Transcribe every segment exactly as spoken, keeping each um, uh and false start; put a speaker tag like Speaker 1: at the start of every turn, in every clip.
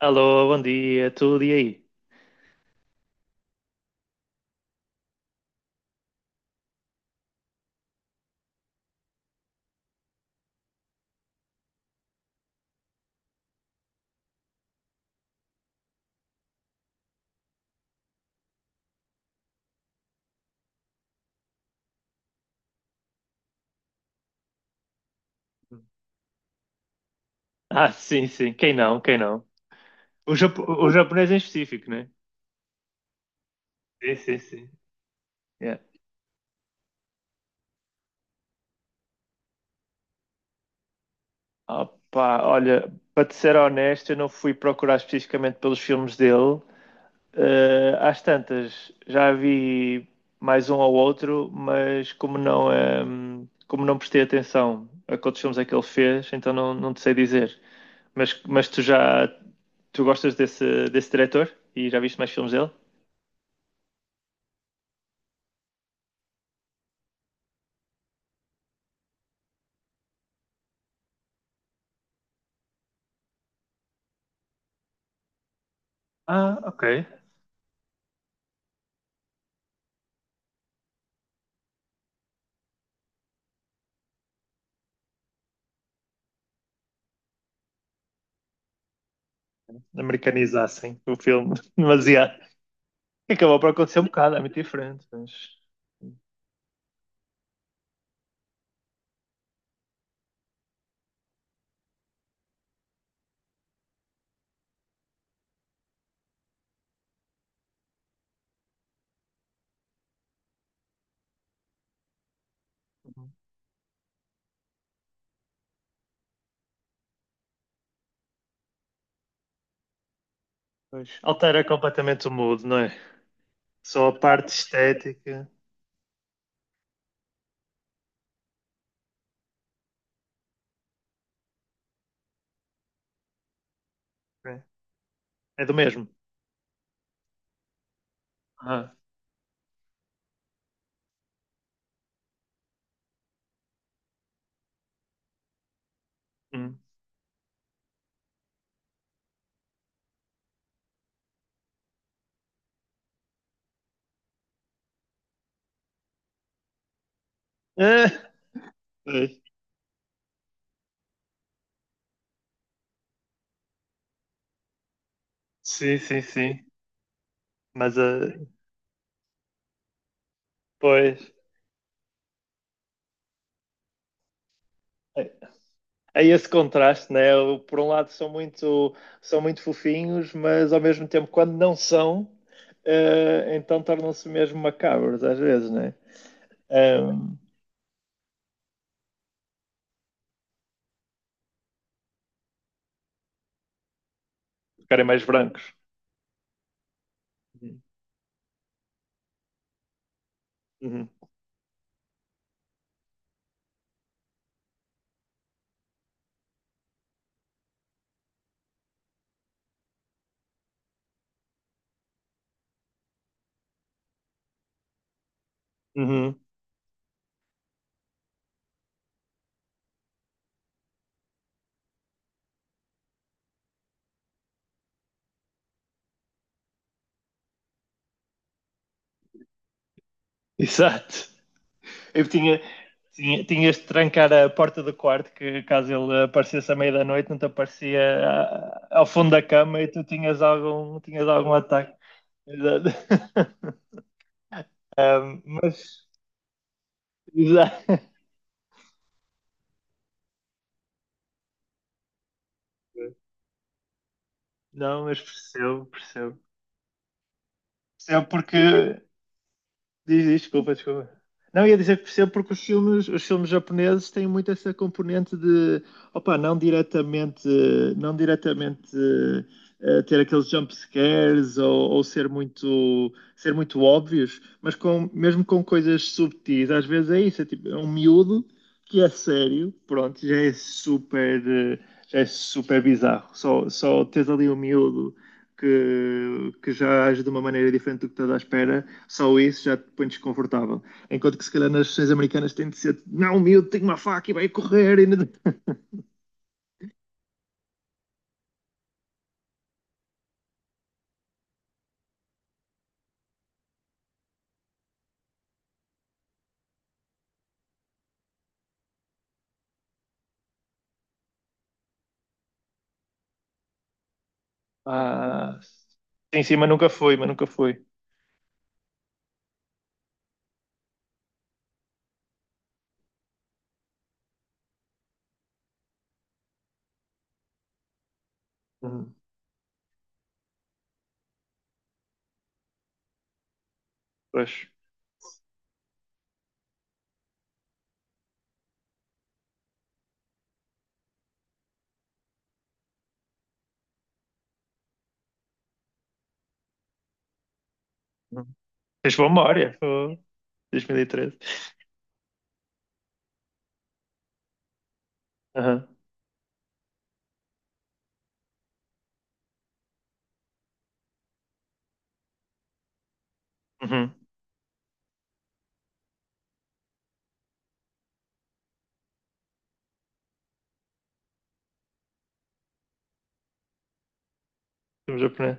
Speaker 1: Alô, bom dia, tudo e aí? Ah, sim, sim, quem não, quem não? O, japo- o japonês em específico, né? Sim, sim, sim. Yeah. Opa, olha, para te ser honesto, eu não fui procurar especificamente pelos filmes dele. Eh, às tantas, já vi mais um ou outro, mas como não, ehm, como não prestei atenção a quantos filmes é que ele fez, então não, não te sei dizer. Mas, mas tu já, tu gostas desse, desse diretor? E já viste mais filmes dele? Ah, ok. Americanizassem o filme demasiado. Acabou por acontecer um bocado, é muito diferente, mas. Pois. Altera completamente o mood, não é? Só a parte estética. É, É do mesmo. Ah, hum. Ah, pois. sim, sim, sim. Mas, ah, pois. é. é esse contraste, né? Eu, Por um lado são muito, são muito fofinhos, mas ao mesmo tempo, quando não são, eh, então tornam-se mesmo macabros às vezes, né? Um, Ficarem mais brancos. Uhum. Uhum. Exato. Eu tinha, tinha, tinhas de trancar a porta do quarto, que caso ele aparecesse à meia da noite, não te aparecia a- ao fundo da cama e tu tinhas algum, tinhas algum ataque. Exato. Mas, exato. Não, mas percebo, percebo. Percebe? Porque Diz, diz, desculpa, desculpa. Não, ia dizer que percebo porque os filmes, os filmes japoneses têm muito essa componente de, opa, não diretamente, não diretamente eh, ter aqueles jump scares ou, ou ser muito, ser muito óbvios, mas com, mesmo com coisas subtis, às vezes é isso, é tipo, é um miúdo que é sério, pronto, já é super, eh, já é super bizarro. Só, só tens ali um miúdo que, que já age de uma maneira diferente do que estás à espera, só isso já te põe desconfortável. Enquanto que se calhar nas sessões americanas tem de ser, não, miúdo, tenho uma faca e vai correr. E não-" Ah, sim, sim, mas nunca foi, mas nunca foi. Uhum. Pois. Uhum. Tens boa memória. Oh, dois mil e treze. Aham. Uhum. Filme japonês.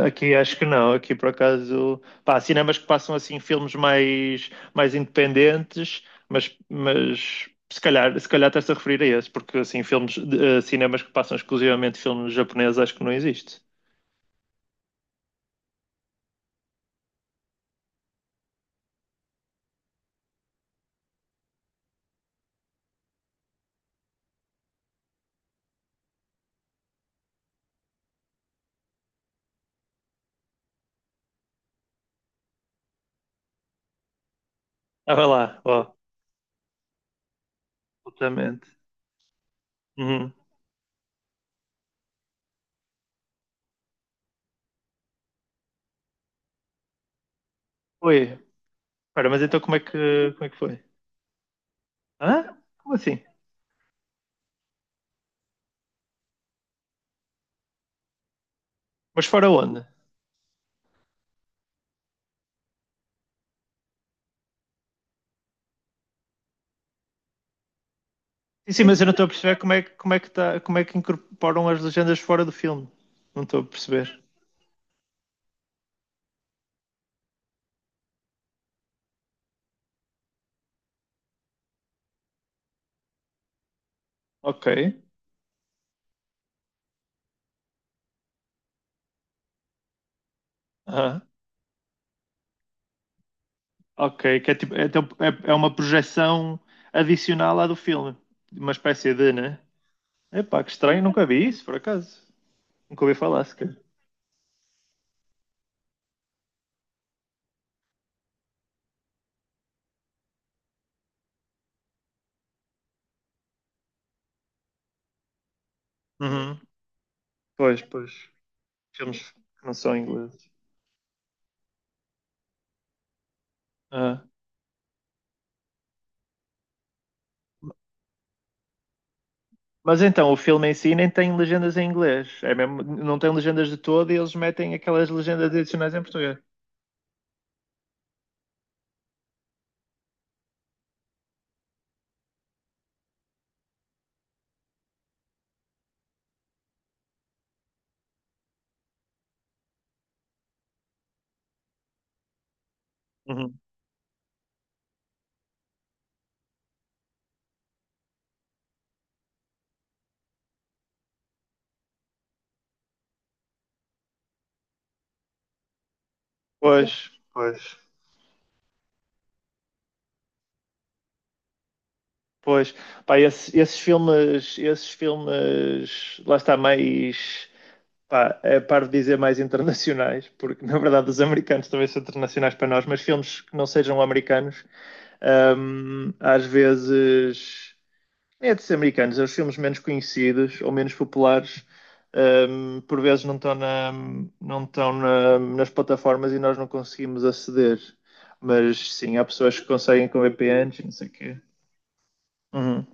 Speaker 1: Aqui acho que não, aqui por acaso, pá, há cinemas que passam assim filmes mais, mais independentes, mas, mas se calhar, se calhar estás a referir a esse, porque assim, filmes, de- eh, cinemas que passam exclusivamente filmes japoneses acho que não existe. Ah, vai lá, ó, absolutamente. Uhum. Oi, espera, mas então como é que, como é que foi? Hã? Como assim? Mas fora onde? Sim, sim, mas eu não estou a perceber como é, que- como é que tá, como é que incorporam as legendas fora do filme. Não estou a perceber. Ok. Ok, que é, tipo, é, então é- é uma projeção adicional à do filme. Uma espécie de, né? Epá, que estranho, nunca vi isso, por acaso. Nunca ouvi falar sequer. Uhum. Pois, pois. Filmes que não são ingleses. Ah. Mas então, o filme em si nem tem legendas em inglês. É mesmo, não tem legendas de todo e eles metem aquelas legendas adicionais em português. Uhum. Pois, pois, pois. Pá, esse- esses filmes, esses filmes, lá está mais. Pá, é par de dizer mais internacionais, porque na verdade os americanos talvez são internacionais para nós, mas filmes que não sejam americanos, hum, às vezes, é de ser americanos, é os filmes menos conhecidos ou menos populares, hum, por vezes não estão, na- não estão na- nas plataformas e nós não conseguimos aceder. Mas sim, há pessoas que conseguem com V P Ns e não sei o quê. Uhum,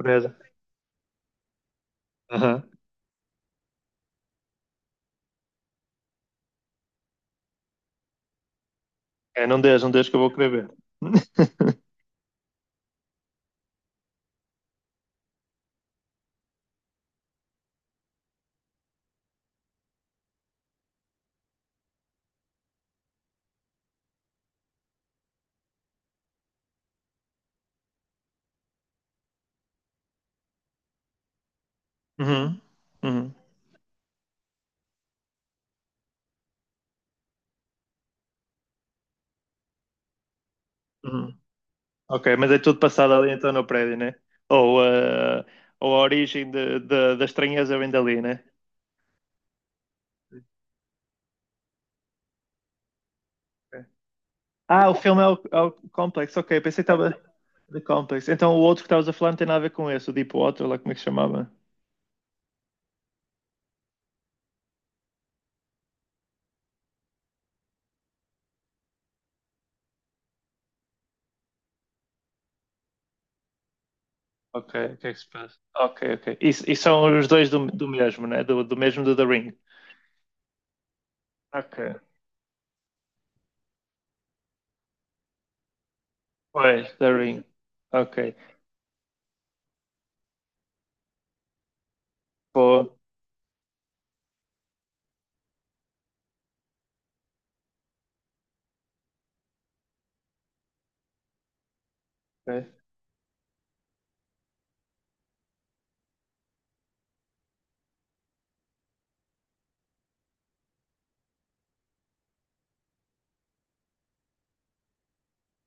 Speaker 1: beleza. Uhum. É, não deixa, não deixa que eu vou querer ver. Uhum, uhum, uhum. Ok, mas é tudo passado ali então no prédio, né? Ou, eh, ou a origem de, de- da estranheza vem dali, né? Ok. Ah, o filme é o, é o Complex, ok, pensei que estava The Complex. Então o outro que estavas a falar não tem nada a ver com esse, o Deepwater, lá como é que se chamava? Ok, o que é que se passa? Ok, ok. E, e são os dois do, do mesmo, né? Do, do mesmo do The Ring. Ok. Pois, The Ring. Ok. Pô, ok,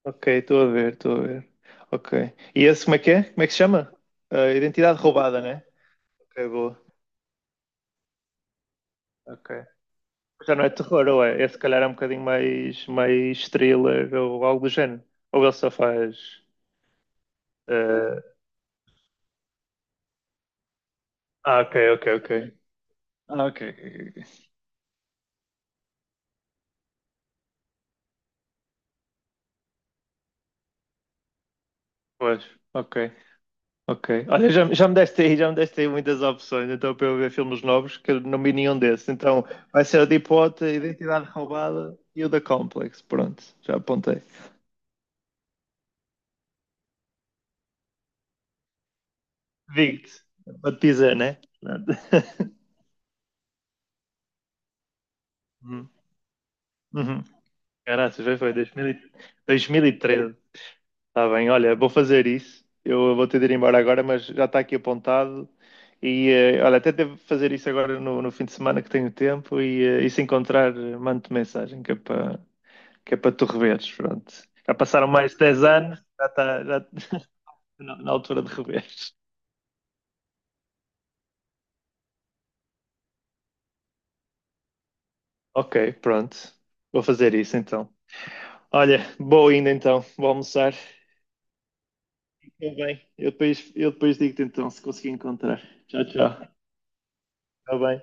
Speaker 1: Ok, estou a ver, estou a ver. Ok. E esse como é que é? Como é que se chama? Ah, identidade roubada, né? Ok, boa. Ok. Já não é terror, ou é? Esse se calhar é um bocadinho mais, mais thriller ou algo do género. Ou ele só faz. Ah, ah, ok, ok, ok. Ah, ok. ok, ok. ok. Pois, ok, ok. Olha, já, já me deste aí, já me deste aí muitas opções, então para eu ver filmes novos, que eu não vi nenhum desses. Então vai ser o Deep Water, Identidade Roubada e o The Complex. Pronto, já apontei. Vict, pode dizer, né? Pronto. Uhum. Uhum. Caraca, já foi dois mil e- dois mil e treze. Está bem, olha, vou fazer isso. Eu vou ter de ir embora agora, mas já está aqui apontado. E eh, olha, até devo fazer isso agora no, no fim de semana que tenho tempo. E, eh, e se encontrar, eh, mando-te mensagem que é para que é para tu reveres. Pronto. Já passaram mais de dez anos, já está já- na, na altura de reveres. Ok, pronto. Vou fazer isso então. Olha, boa ainda então. Vou almoçar. Está bem. Eu depois, eu depois digo-te então se consegui encontrar. Tchau, tchau. Está bem.